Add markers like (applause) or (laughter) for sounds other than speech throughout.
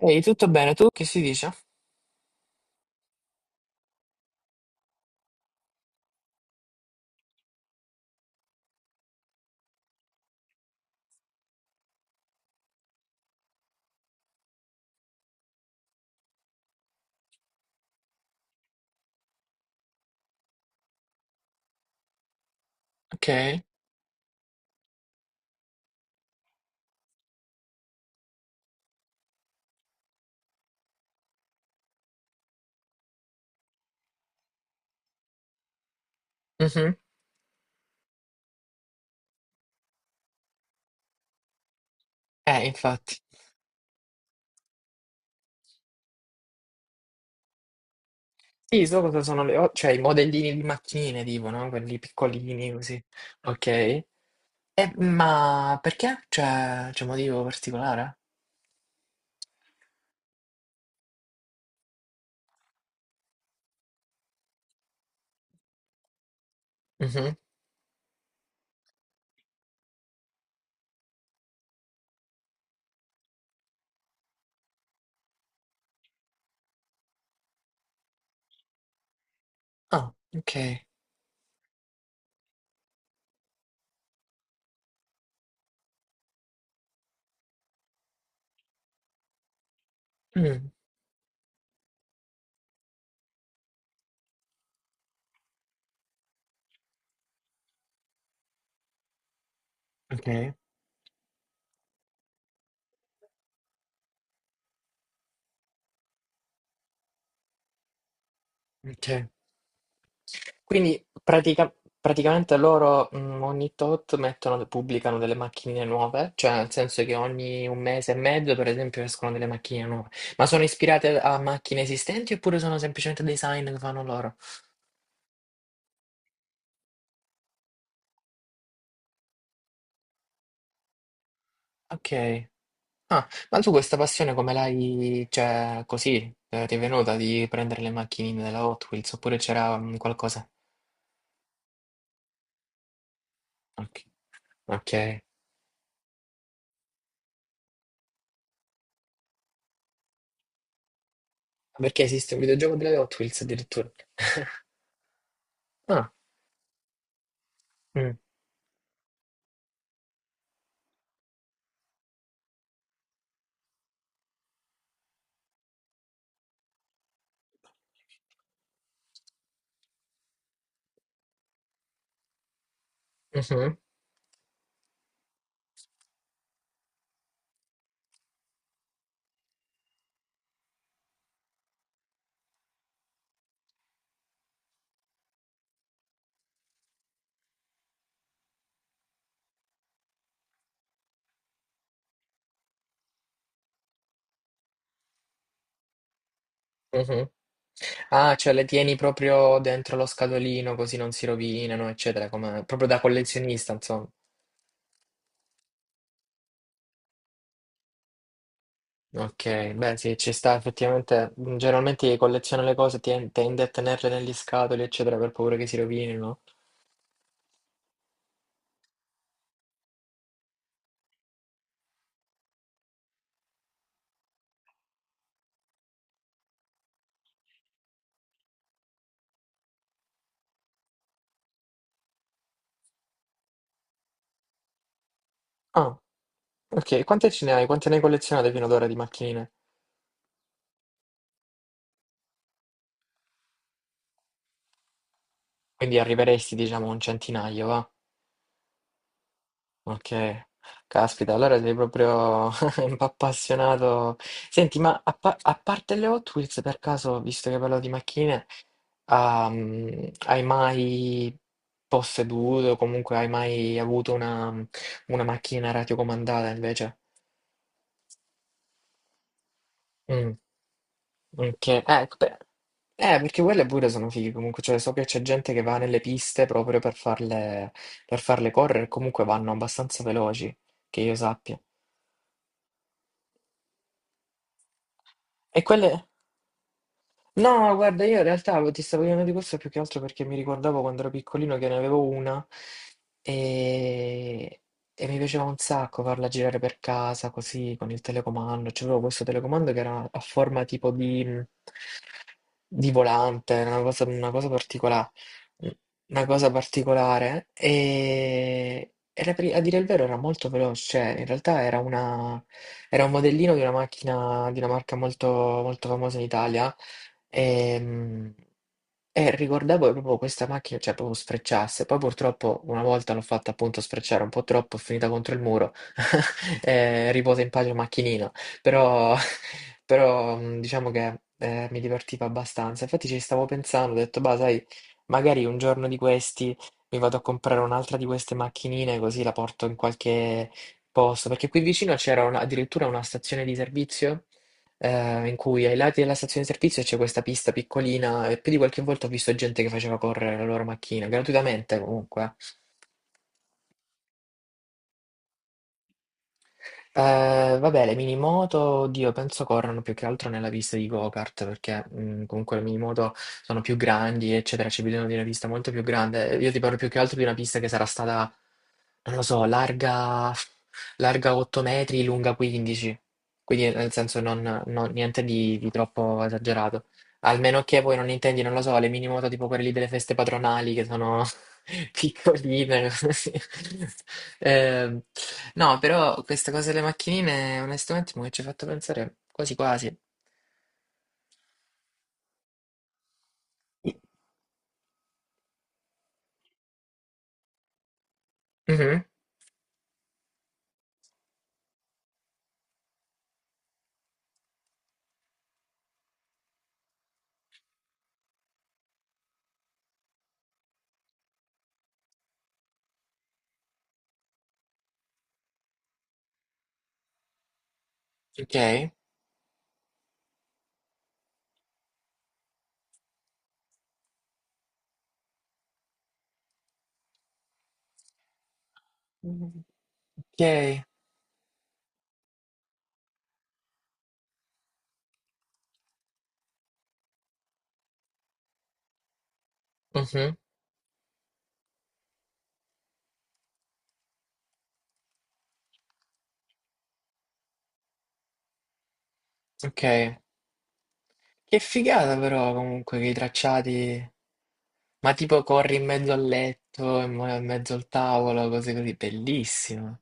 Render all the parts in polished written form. Ehi, tutto bene? Tu che si dice? Ok. Mhm. Infatti. Sì, so cosa sono cioè i modellini di macchinine, tipo, no? Quelli piccolini, così. Ok. E, ma perché? Cioè, c'è un motivo particolare? Mhm. Ah, ok. Mm, ok, ok. Quindi praticamente loro ogni tot pubblicano delle macchinine nuove, cioè nel senso che ogni un mese e mezzo, per esempio, escono delle macchine nuove. Ma sono ispirate a macchine esistenti oppure sono semplicemente design che fanno loro? Ok. Ah, ma tu questa passione come l'hai, cioè, così, ti è venuta di prendere le macchinine della Hot Wheels oppure c'era qualcosa? Ok. Ok. Perché esiste un videogioco delle Hot Wheels addirittura? (laughs) Ah, mm, mhm, mhm. Ah, cioè le tieni proprio dentro lo scatolino così non si rovinano, eccetera, come proprio da collezionista, insomma. Ok, beh sì, ci sta effettivamente. Generalmente chi colleziona le cose tende a tenerle negli scatoli, eccetera, per paura che si rovinino. Ah, ok, quante ce ne hai? Quante ne hai collezionate fino ad ora di macchinine? Quindi arriveresti, diciamo, a un centinaio, va? Ok, caspita, allora sei proprio (laughs) un po' appassionato. Senti, ma a parte le Hot Wheels, per caso, visto che parlo di macchine, hai mai posseduto, comunque hai mai avuto una, macchina radiocomandata invece? Mm, ok, beh, perché quelle pure sono fighe comunque, cioè so che c'è gente che va nelle piste proprio per farle correre, comunque vanno abbastanza veloci, che io sappia. E quelle... No, guarda, io in realtà ti stavo chiedendo di questo più che altro perché mi ricordavo quando ero piccolino che ne avevo una e, e mi piaceva un sacco farla girare per casa così con il telecomando. C'avevo questo telecomando che era a forma tipo di volante, era una cosa, una cosa particolare e a dire il vero era molto veloce, cioè, in realtà era un modellino di una macchina di una marca molto molto famosa in Italia Ehm, e ricordavo che proprio questa macchina, cioè proprio sfrecciasse. Poi purtroppo una volta l'ho fatta appunto sfrecciare un po' troppo, è finita contro il muro. (laughs) Riposa in pace macchinina. Però, (laughs) però diciamo che mi divertiva abbastanza. Infatti ci stavo pensando, ho detto, bah, sai, magari un giorno di questi mi vado a comprare un'altra di queste macchinine così la porto in qualche posto. Perché qui vicino c'era addirittura una stazione di servizio in cui ai lati della stazione di servizio c'è questa pista piccolina e più di qualche volta ho visto gente che faceva correre la loro macchina, gratuitamente comunque. Vabbè, le minimoto, oddio, penso corrono più che altro nella pista di go-kart, perché comunque le minimoto sono più grandi, eccetera, ci bisogna di una pista molto più grande. Io ti parlo più che altro di una pista che sarà stata, non lo so, larga, larga 8 metri, lunga 15, quindi nel senso non, niente di troppo esagerato. Almeno che voi non intendi, non lo so, le minimoto tipo quelle lì delle feste patronali, che sono piccoline, così. Ehm, (laughs) no, però questa cosa delle macchinine, onestamente, mi ci ha fatto pensare quasi quasi. Mhm. Ok. Mhm. Ok. Mhm. Ok. Che figata però comunque che i tracciati, ma tipo corri in mezzo al letto, in mezzo al tavolo, cose così, bellissimo.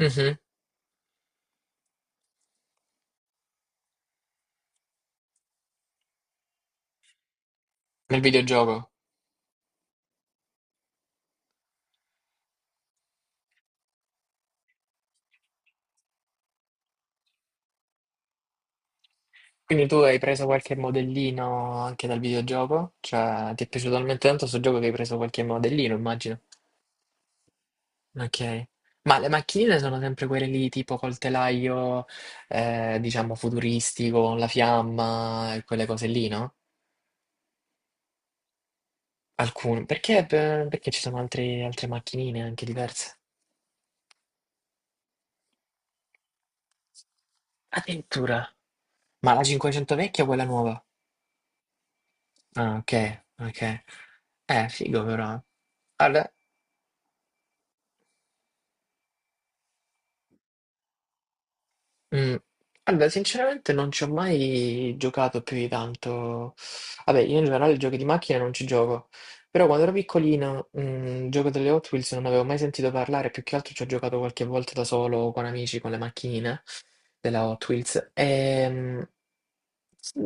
Mhm. Nel videogioco. Quindi tu hai preso qualche modellino anche dal videogioco? Cioè, ti è piaciuto talmente tanto sto gioco che hai preso qualche modellino, immagino. Ok. Ma le macchinine sono sempre quelle lì, tipo col telaio, diciamo, futuristico, con la fiamma e quelle cose lì, no? Alcune. Perché, perché ci sono altre macchinine anche diverse? Addirittura. Ma la 500 vecchia o quella nuova? Ah, ok, ok. Figo però. Allora. Mm. Allora, sinceramente non ci ho mai giocato più di tanto. Vabbè, io in generale giochi di macchine non ci gioco, però quando ero piccolino, il gioco delle Hot Wheels non avevo mai sentito parlare, più che altro ci ho giocato qualche volta da solo con amici, con le macchine della Hot Wheels. Ehm,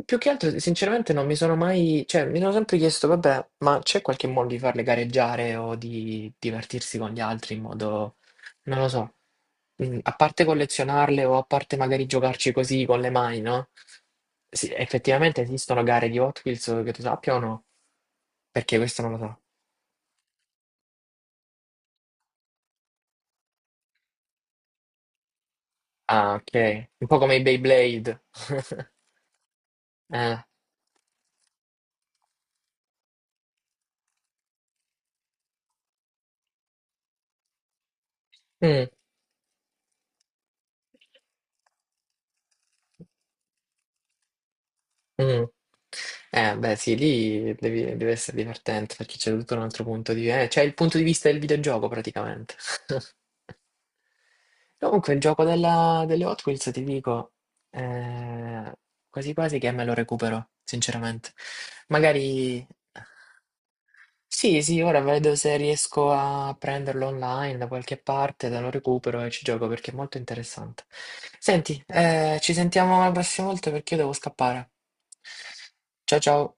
più che altro, sinceramente, non mi sono mai, cioè, mi sono sempre chiesto, vabbè, ma c'è qualche modo di farle gareggiare o di divertirsi con gli altri in modo, non lo so, a parte collezionarle o a parte magari giocarci così con le mani, no? Sì, effettivamente esistono gare di Hot Wheels che tu sappia o no? Perché questo non lo so. Ah, ok. Un po' come i Beyblade. (laughs) Eh. Mm. Mm. Beh, sì, lì deve essere divertente perché c'è tutto un altro punto di vista. C'è il punto di vista del videogioco praticamente. (laughs) Comunque, il gioco delle Hot Wheels, ti dico, eh, quasi quasi che me lo recupero, sinceramente. Magari. Sì, sì, ora vedo se riesco a prenderlo online da qualche parte, te lo recupero e ci gioco perché è molto interessante. Senti, ci sentiamo la prossima volta perché io devo scappare. Ciao ciao.